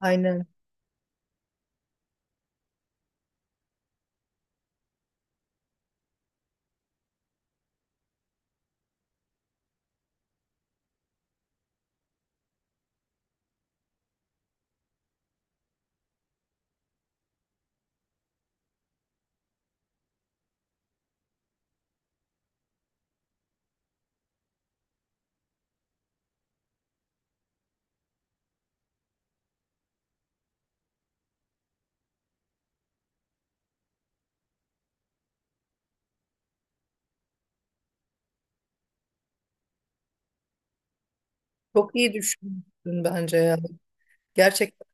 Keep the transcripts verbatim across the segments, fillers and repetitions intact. Aynen. Çok iyi düşünmüşsün bence ya. Gerçekten.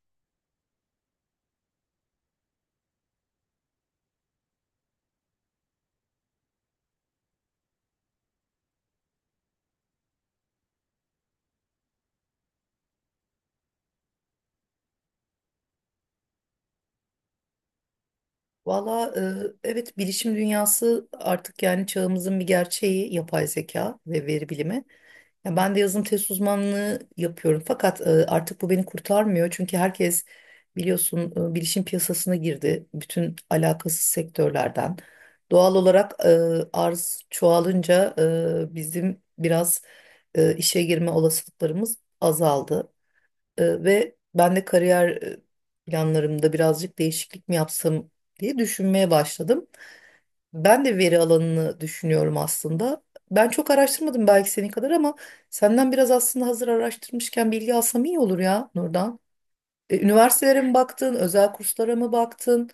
Valla e, evet bilişim dünyası artık yani çağımızın bir gerçeği yapay zeka ve veri bilimi. Ya ben de yazılım test uzmanlığı yapıyorum fakat e, artık bu beni kurtarmıyor. Çünkü herkes biliyorsun e, bilişim piyasasına girdi. Bütün alakasız sektörlerden. Doğal olarak e, arz çoğalınca e, bizim biraz e, işe girme olasılıklarımız azaldı. Ee, ve ben de kariyer e, planlarımda birazcık değişiklik mi yapsam diye düşünmeye başladım. Ben de veri alanını düşünüyorum aslında. Ben çok araştırmadım belki senin kadar ama senden biraz aslında hazır araştırmışken bilgi alsam iyi olur ya Nurdan. E, üniversitelere mi baktın, özel kurslara mı baktın?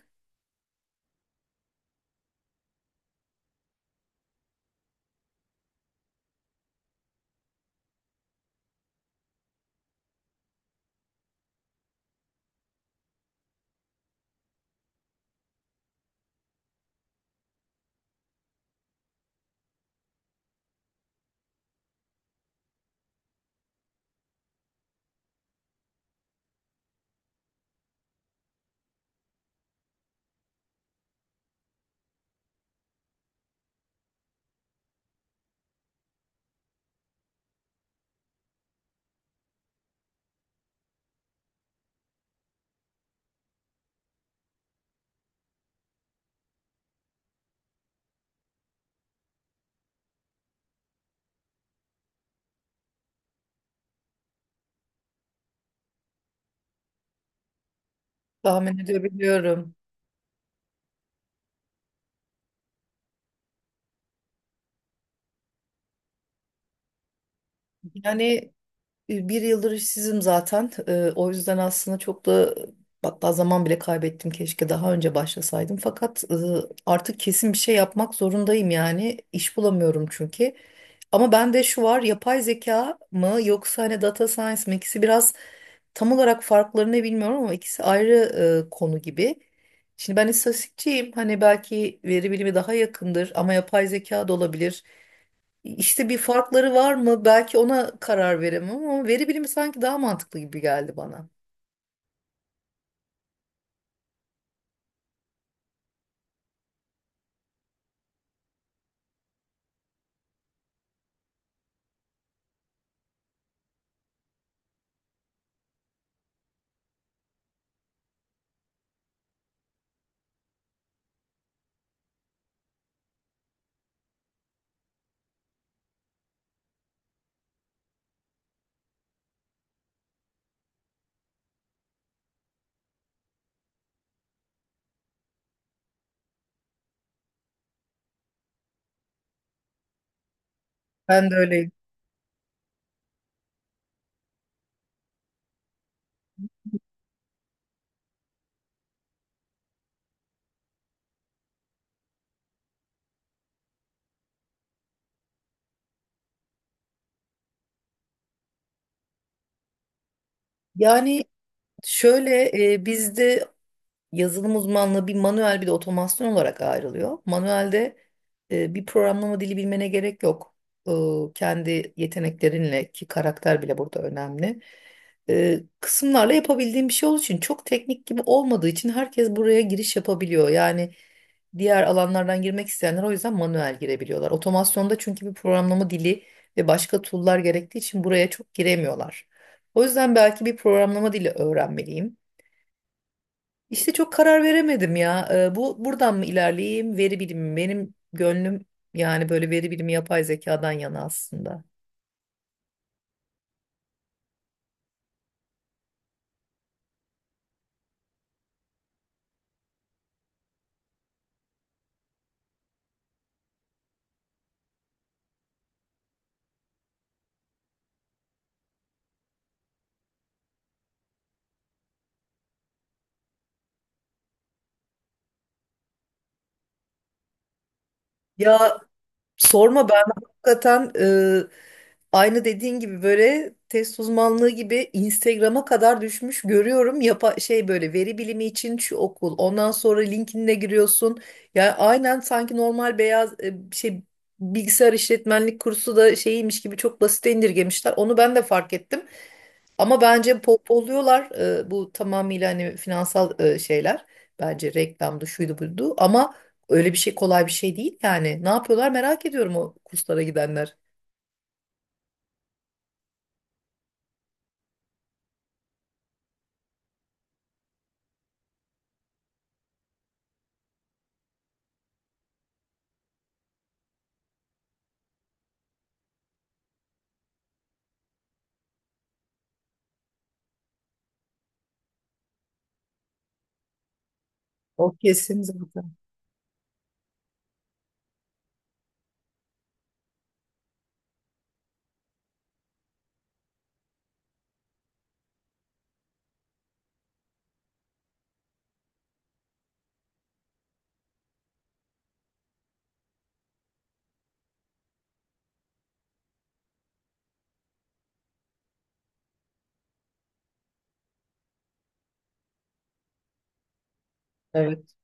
Tahmin edebiliyorum. Yani E, bir yıldır işsizim zaten. E, O yüzden aslında çok da hatta zaman bile kaybettim. Keşke daha önce başlasaydım. Fakat e, artık kesin bir şey yapmak zorundayım yani. İş bulamıyorum çünkü. Ama bende şu var, yapay zeka mı yoksa hani data science mi? İkisi biraz tam olarak farklarını bilmiyorum ama ikisi ayrı e, konu gibi. Şimdi ben istatistikçiyim. Hani belki veri bilimi daha yakındır ama yapay zeka da olabilir. İşte bir farkları var mı? Belki ona karar veremem ama veri bilimi sanki daha mantıklı gibi geldi bana. Ben de öyleyim. Yani şöyle e, bizde yazılım uzmanlığı bir manuel bir de otomasyon olarak ayrılıyor. Manuelde e, bir programlama dili bilmene gerek yok. E, Kendi yeteneklerinle ki karakter bile burada önemli. E, kısımlarla yapabildiğim bir şey olduğu için çok teknik gibi olmadığı için herkes buraya giriş yapabiliyor. Yani diğer alanlardan girmek isteyenler o yüzden manuel girebiliyorlar. Otomasyonda çünkü bir programlama dili ve başka tool'lar gerektiği için buraya çok giremiyorlar. O yüzden belki bir programlama dili öğrenmeliyim. İşte çok karar veremedim ya. E, bu buradan mı ilerleyeyim? Veri bilimi mi? Benim gönlüm yani böyle veri bilimi yapay zekadan yana aslında. Ya sorma, ben hakikaten e, aynı dediğin gibi böyle test uzmanlığı gibi Instagram'a kadar düşmüş görüyorum. Yapa şey böyle veri bilimi için şu okul. Ondan sonra LinkedIn'e giriyorsun. Yani aynen sanki normal beyaz e, şey bilgisayar işletmenlik kursu da şeymiş gibi çok basite indirgemişler. Onu ben de fark ettim. Ama bence pohpohluyorlar, e, bu tamamıyla hani finansal e, şeyler. Bence reklamdı şuydu buydu ama öyle bir şey, kolay bir şey değil yani. Ne yapıyorlar merak ediyorum o kurslara gidenler. O kesin zaten. Evet.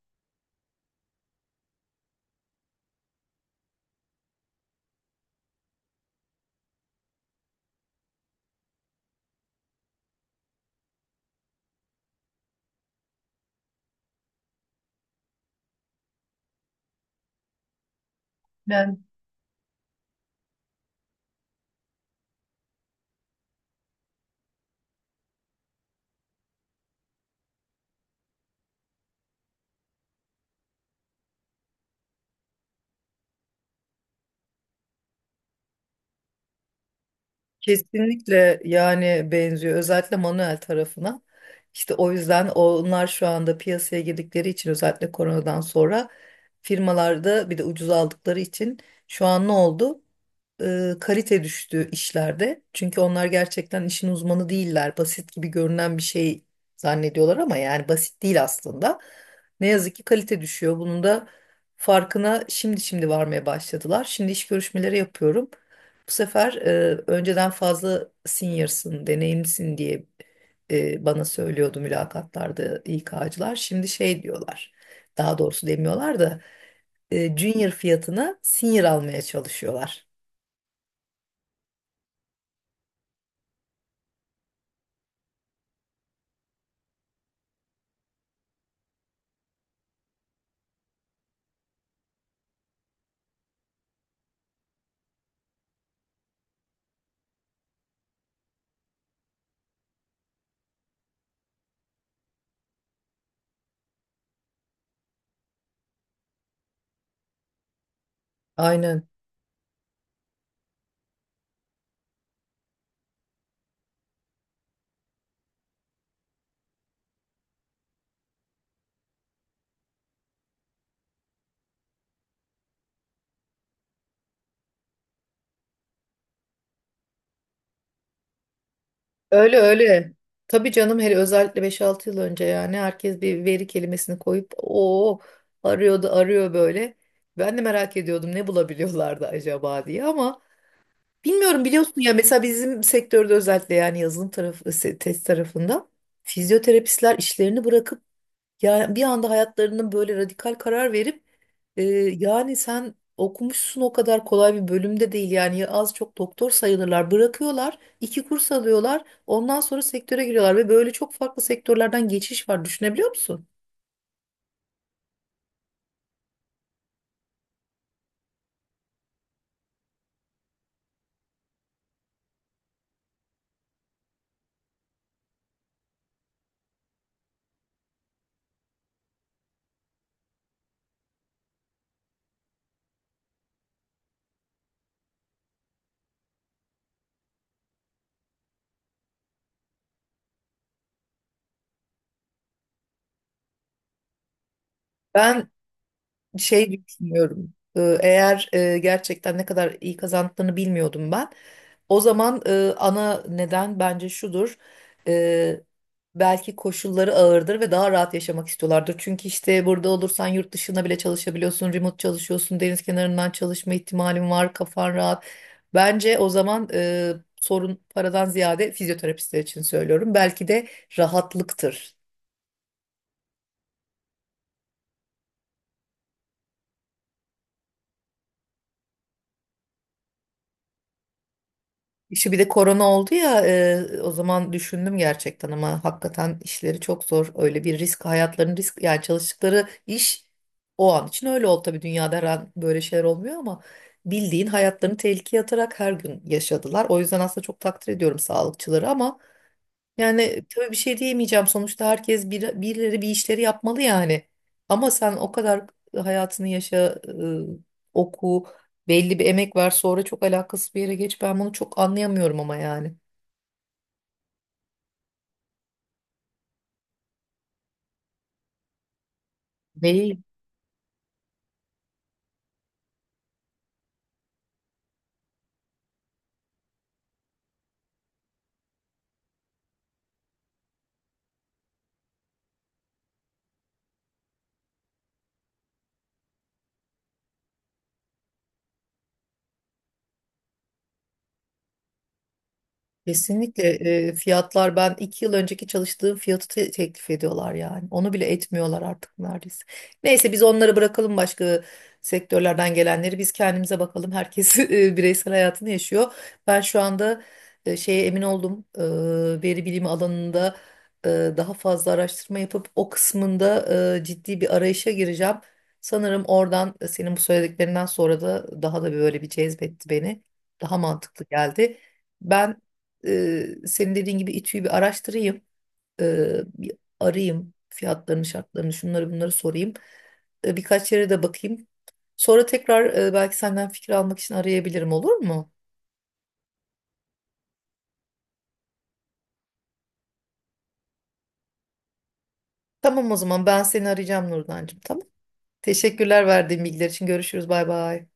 ben Kesinlikle yani benziyor özellikle manuel tarafına. İşte o yüzden onlar şu anda piyasaya girdikleri için, özellikle koronadan sonra firmalarda bir de ucuz aldıkları için şu an ne oldu? Ee, kalite düştü işlerde. Çünkü onlar gerçekten işin uzmanı değiller. Basit gibi görünen bir şey zannediyorlar ama yani basit değil aslında. Ne yazık ki kalite düşüyor. Bunun da farkına şimdi şimdi varmaya başladılar. Şimdi iş görüşmeleri yapıyorum. Bu sefer e, önceden fazla senior'sın, deneyimlisin diye e, bana söylüyordu mülakatlarda İK'cılar. Şimdi şey diyorlar, daha doğrusu demiyorlar da e, junior fiyatına senior almaya çalışıyorlar. Aynen. Öyle öyle. Tabii canım, hele özellikle beş altı yıl önce yani herkes bir veri kelimesini koyup o arıyordu, arıyor böyle. Ben de merak ediyordum ne bulabiliyorlardı acaba diye ama bilmiyorum, biliyorsun ya mesela bizim sektörde özellikle yani yazılım tarafı se- test tarafında fizyoterapistler işlerini bırakıp yani bir anda hayatlarının böyle radikal karar verip e, yani sen okumuşsun, o kadar kolay bir bölümde değil yani, ya az çok doktor sayılırlar, bırakıyorlar iki kurs alıyorlar ondan sonra sektöre giriyorlar ve böyle çok farklı sektörlerden geçiş var, düşünebiliyor musun? Ben şey düşünüyorum. Ee, Eğer e, gerçekten ne kadar iyi kazandıklarını bilmiyordum ben. O zaman e, ana neden bence şudur. E, Belki koşulları ağırdır ve daha rahat yaşamak istiyorlardır. Çünkü işte burada olursan yurt dışına bile çalışabiliyorsun, remote çalışıyorsun, deniz kenarından çalışma ihtimalin var, kafan rahat. Bence o zaman e, sorun paradan ziyade, fizyoterapistler için söylüyorum, belki de rahatlıktır. Şu bir de korona oldu ya, e, o zaman düşündüm gerçekten, ama hakikaten işleri çok zor. Öyle bir risk, hayatlarının risk yani çalıştıkları iş o an için öyle oldu tabii, dünyada her an böyle şeyler olmuyor ama bildiğin hayatlarını tehlikeye atarak her gün yaşadılar. O yüzden aslında çok takdir ediyorum sağlıkçıları ama yani tabii bir şey diyemeyeceğim. Sonuçta herkes bir, birileri bir işleri yapmalı yani. Ama sen o kadar hayatını yaşa, e, oku, belli bir emek ver, sonra çok alakasız bir yere geç. Ben bunu çok anlayamıyorum ama yani. Değil. Kesinlikle e, fiyatlar, ben iki yıl önceki çalıştığım fiyatı te- teklif ediyorlar yani. Onu bile etmiyorlar artık neredeyse. Neyse biz onları bırakalım, başka sektörlerden gelenleri. Biz kendimize bakalım. Herkes e, bireysel hayatını yaşıyor. Ben şu anda e, şeye emin oldum. E, veri bilimi alanında e, daha fazla araştırma yapıp o kısmında e, ciddi bir arayışa gireceğim. Sanırım oradan, e, senin bu söylediklerinden sonra da daha da böyle bir cezbetti beni. Daha mantıklı geldi. Ben e, senin dediğin gibi İ T Ü'yü bir araştırayım. E, bir arayayım fiyatlarını, şartlarını, şunları bunları sorayım. E, birkaç yere de bakayım. Sonra tekrar, e, belki senden fikir almak için arayabilirim, olur mu? Tamam o zaman ben seni arayacağım Nurdancığım, tamam. Teşekkürler verdiğin bilgiler için. Görüşürüz, bay bay.